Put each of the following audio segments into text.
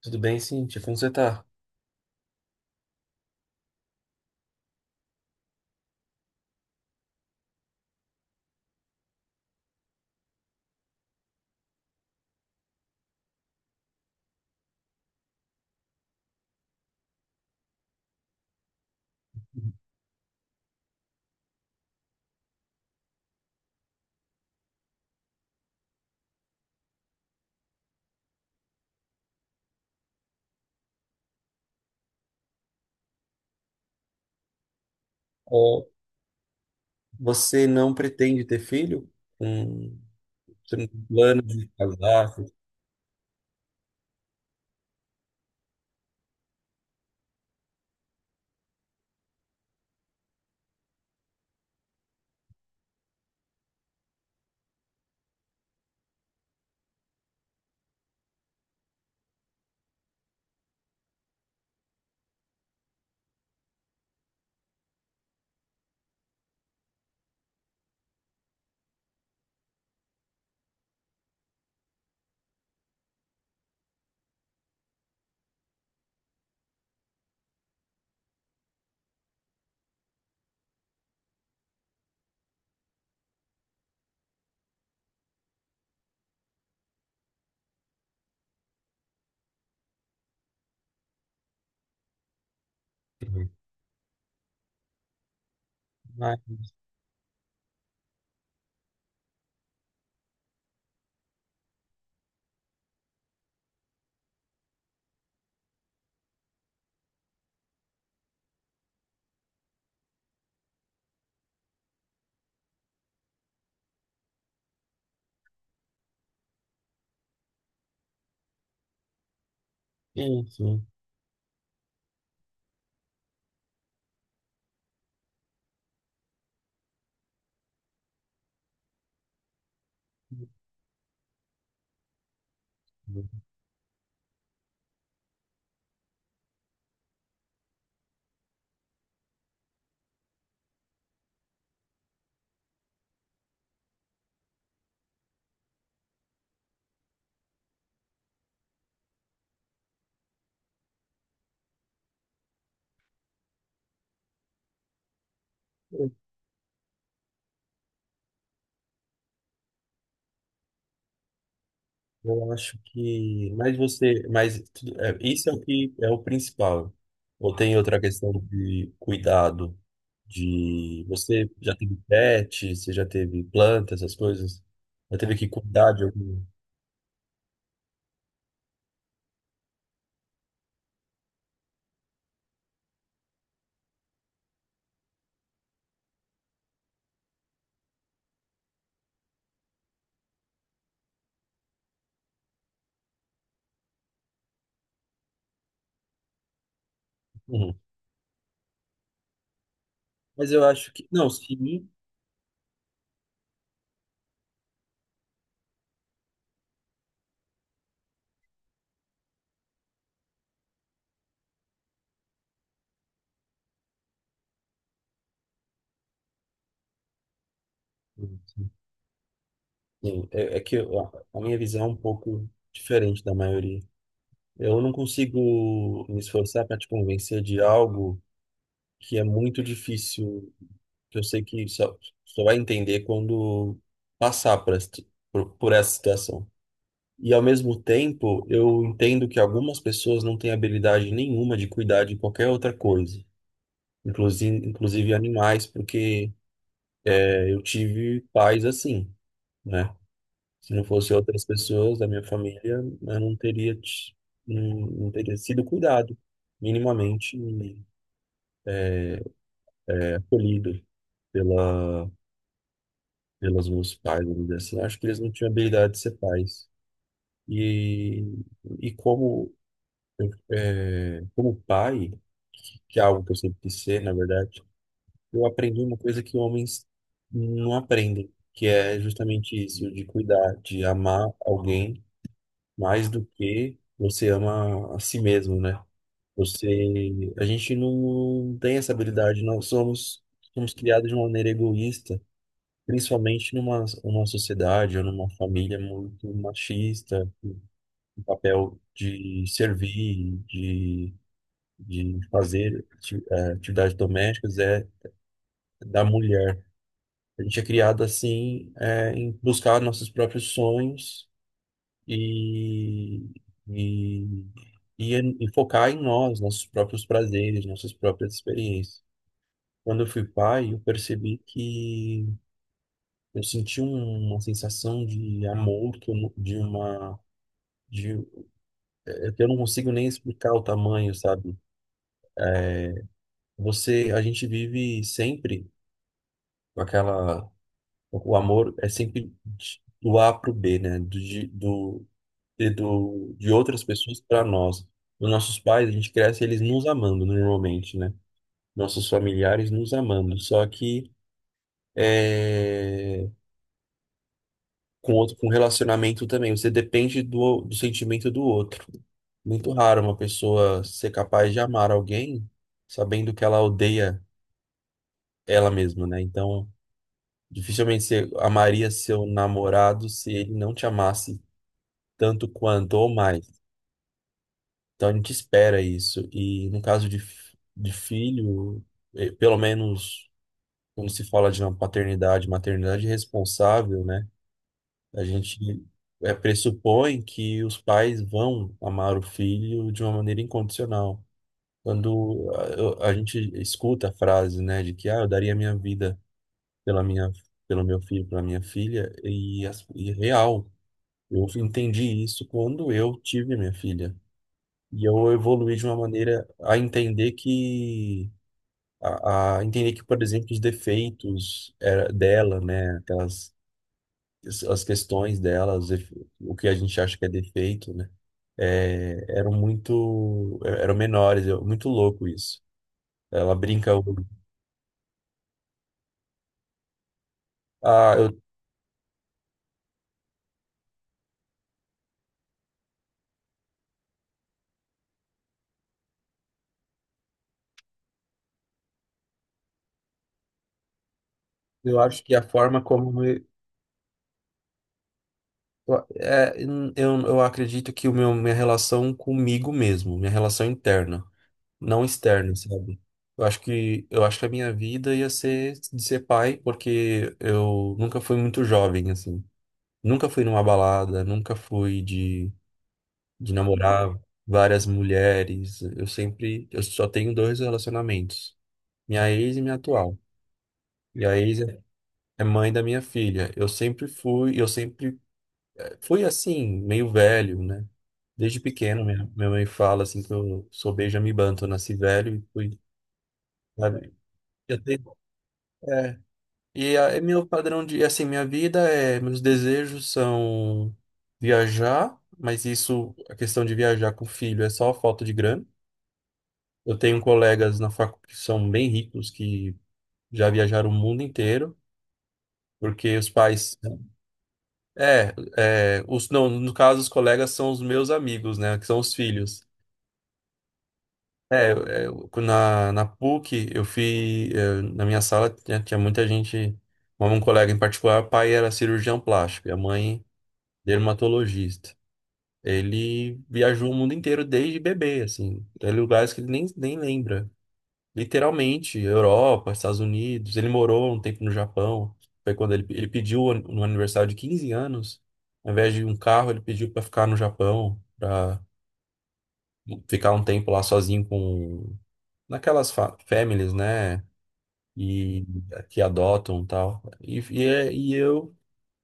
Tudo bem, Cíntia? Como você tá? Ó, você não pretende ter filho? Um, Você não tem plano de casar? Tem- Mas, enfim. Eu eu acho que. Mas você. Mas é, isso é o que é o principal. Ou tem outra questão de cuidado? De. Você já teve pet? Você já teve planta, essas coisas? Já teve que cuidar de algum. Uhum. Mas eu acho que. Não, sim. Sim, é, é que eu- a minha visão é um pouco diferente da maioria. Eu não consigo me esforçar para te convencer de algo que é muito difícil, que eu sei que só vai entender quando passar por essa situação. E ao mesmo tempo, eu entendo que algumas pessoas não têm habilidade nenhuma de cuidar de qualquer outra coisa, inclusive animais, porque eu tive pais assim, né? Se não fosse outras pessoas da minha família, eu não teria, não teria sido cuidado, minimamente nem acolhido pela, pelos meus pais, vamos dizer assim. Acho que eles não tinham habilidade de ser pais. E, e como pai, que é algo que eu sempre quis ser, na verdade, eu aprendi uma coisa que homens não aprendem, que é justamente isso, de cuidar, de amar alguém mais do que você ama a si mesmo, né? Você, a gente não tem essa habilidade, nós somos criados de uma maneira egoísta, principalmente numa sociedade ou numa família muito machista, o papel de servir, de fazer atividades domésticas é da mulher. A gente é criado assim, em buscar nossos próprios sonhos e, e, e, e focar em nós, nossos próprios prazeres, nossas próprias experiências. Quando eu fui pai, eu percebi que eu senti uma sensação de amor, que eu, nu- de uma, de, é que eu não consigo nem explicar o tamanho, sabe? A gente vive sempre com o amor é sempre do A para o B, né? Do, de- do, e do, de outras pessoas para nós. Os nossos pais, a gente cresce eles nos amando normalmente, né? Nossos familiares nos amando. Só que é, com com relacionamento também, você depende do sentimento do outro. Muito raro uma pessoa ser capaz de amar alguém sabendo que ela odeia ela mesma, né? Então, dificilmente você amaria seu namorado se ele não te amasse tanto quanto ou mais. Então a gente espera isso. E no caso de filho, pelo menos quando se fala de uma paternidade, maternidade responsável, né? A gente pressupõe que os pais vão amar o filho de uma maneira incondicional. Quando a gente escuta a frase, né, de que eu daria a minha vida pela minha, pelo meu filho, pela minha filha, e real, eu entendi isso quando eu tive minha filha. E eu evoluí de uma maneira a entender que a entender que, por exemplo, os defeitos dela, né, aquelas as questões dela, o que a gente acha que é defeito, né, eram menores, muito louco isso. Ela brinca, ah, eu, eu acho que a forma como eu, é, eu acredito que minha relação comigo mesmo, minha relação interna não externo, sabe? Eu acho que a minha vida ia ser de ser pai, porque eu nunca fui muito jovem assim. Nunca fui numa balada, nunca fui de namorar várias mulheres. Eu só tenho dois relacionamentos, minha ex e minha atual. E a ex é mãe da minha filha. Eu sempre fui, fui assim, meio velho, né? Desde pequeno, minha mãe fala assim que eu sou Benjamin Button, nasci velho e fui, sabe? Eu tenho, é, E a- É meu padrão de, assim, minha vida é, meus desejos são viajar, mas isso, a questão de viajar com o filho é só falta de grana. Eu tenho colegas na facu que são bem ricos, que já viajaram o mundo inteiro, porque os pais, os, não, no caso, os colegas são os meus amigos, né, que são os filhos. É, na PUC, eu fui, na minha sala tinha muita gente, um colega em particular, o pai era cirurgião plástico, e a mãe dermatologista. Ele viajou o mundo inteiro desde bebê, assim. Tem lugares que ele nem lembra. Literalmente, Europa, Estados Unidos. Ele morou um tempo no Japão. Foi quando ele pediu no aniversário de 15 anos, ao invés de um carro, ele pediu para ficar no Japão, para ficar um tempo lá sozinho com families, né? E que adotam e tal. E eu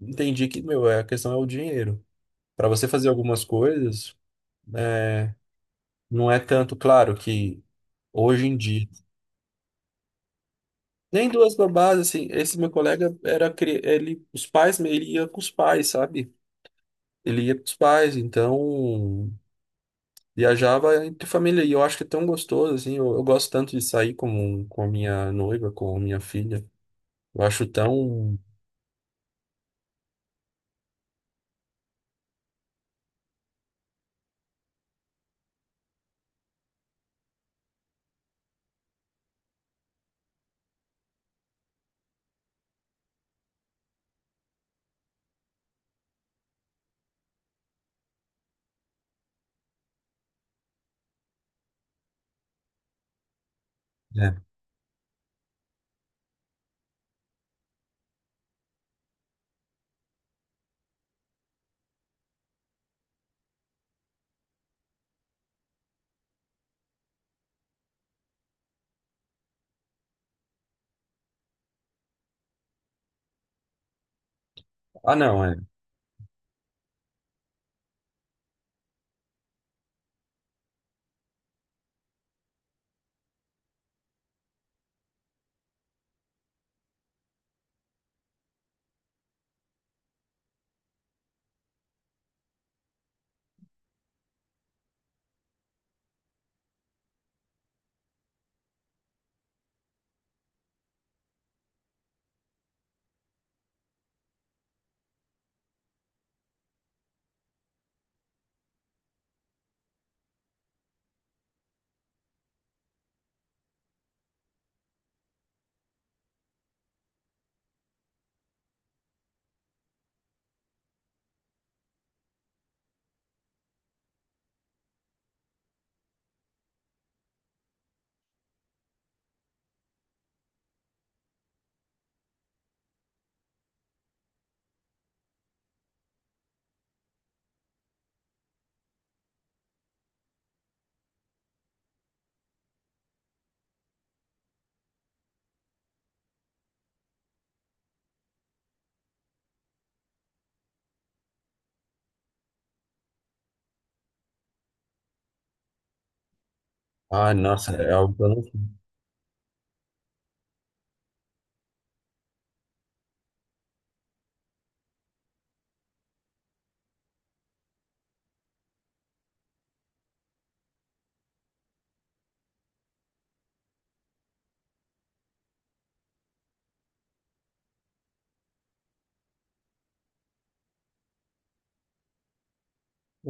entendi que, meu, a questão é o dinheiro. Para você fazer algumas coisas, É, não é tanto, claro, que hoje em dia. Nem duas babás, assim, esse meu colega ele, os pais, ele ia com os pais, sabe? Ele ia com os pais, então viajava entre família. E eu acho que é tão gostoso, assim, eu gosto tanto de sair com a minha noiva, com a minha filha. Eu acho tão. É. Ah, não, é. Ah, nossa, é algo que eu não.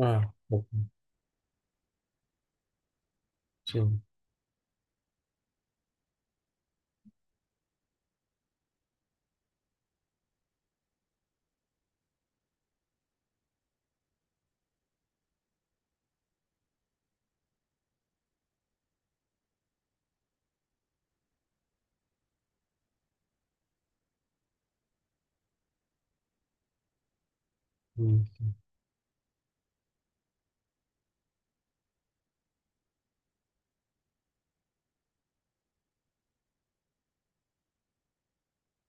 Ah, sim. Hum.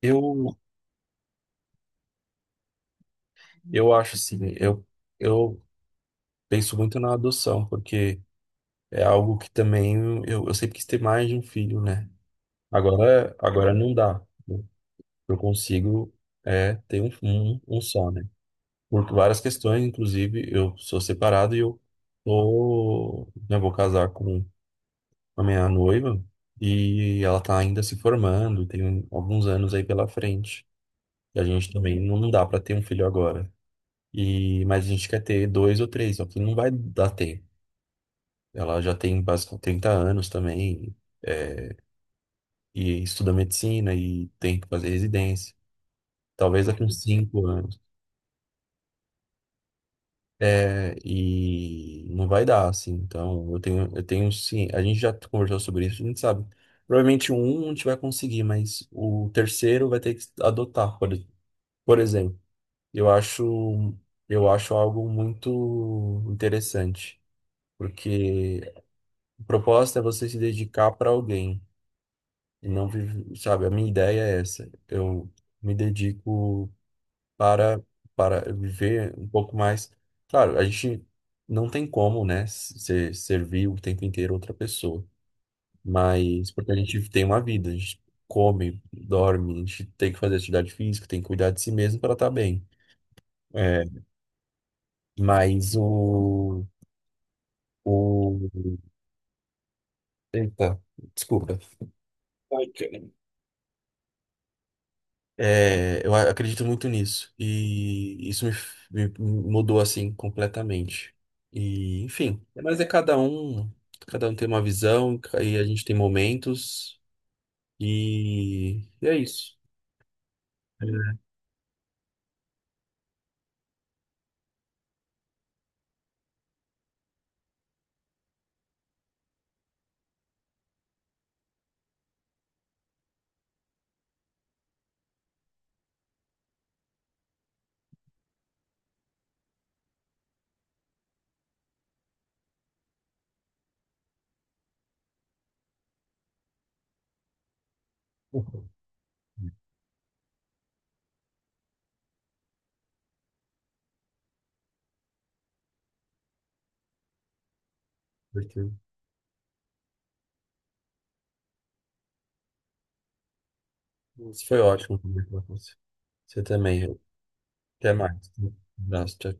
Eu, eu acho assim, eu penso muito na adoção, porque. É algo que também eu sempre quis ter mais de um filho, né? Agora, agora não dá. Eu eu consigo ter um só, né? Por várias questões, inclusive eu sou separado e eu tô, né, vou casar com a minha noiva e ela tá ainda se formando, tem alguns anos aí pela frente. E a gente também não dá para ter um filho agora. Mas a gente quer ter dois ou três, só que não vai dar ter. Ela já tem basicamente 30 anos também. é, e estuda medicina e tem que fazer residência. Talvez daqui uns 5 anos. É, e não vai dar, assim. Então, eu tenho sim. A gente já conversou sobre isso, a gente sabe. Provavelmente um a gente vai conseguir, mas o terceiro vai ter que adotar, por exemplo. Eu acho, eu acho algo muito interessante, porque a proposta é você se dedicar para alguém e não viver, sabe? A minha ideia é essa. Eu me dedico para, para viver um pouco mais. Claro, a gente não tem como, né, se, servir o tempo inteiro outra pessoa, mas porque a gente tem uma vida, a gente come, dorme, a gente tem que fazer atividade física, tem que cuidar de si mesmo para estar bem. É, mas o... Eita, desculpa. É, eu acredito muito nisso. E isso me mudou assim completamente. E, enfim, mas é cada um tem uma visão, e a gente tem momentos, e é isso. Uhum. Foi ótimo conversar com você. Você também. Até mais. Um abraço. Tchau.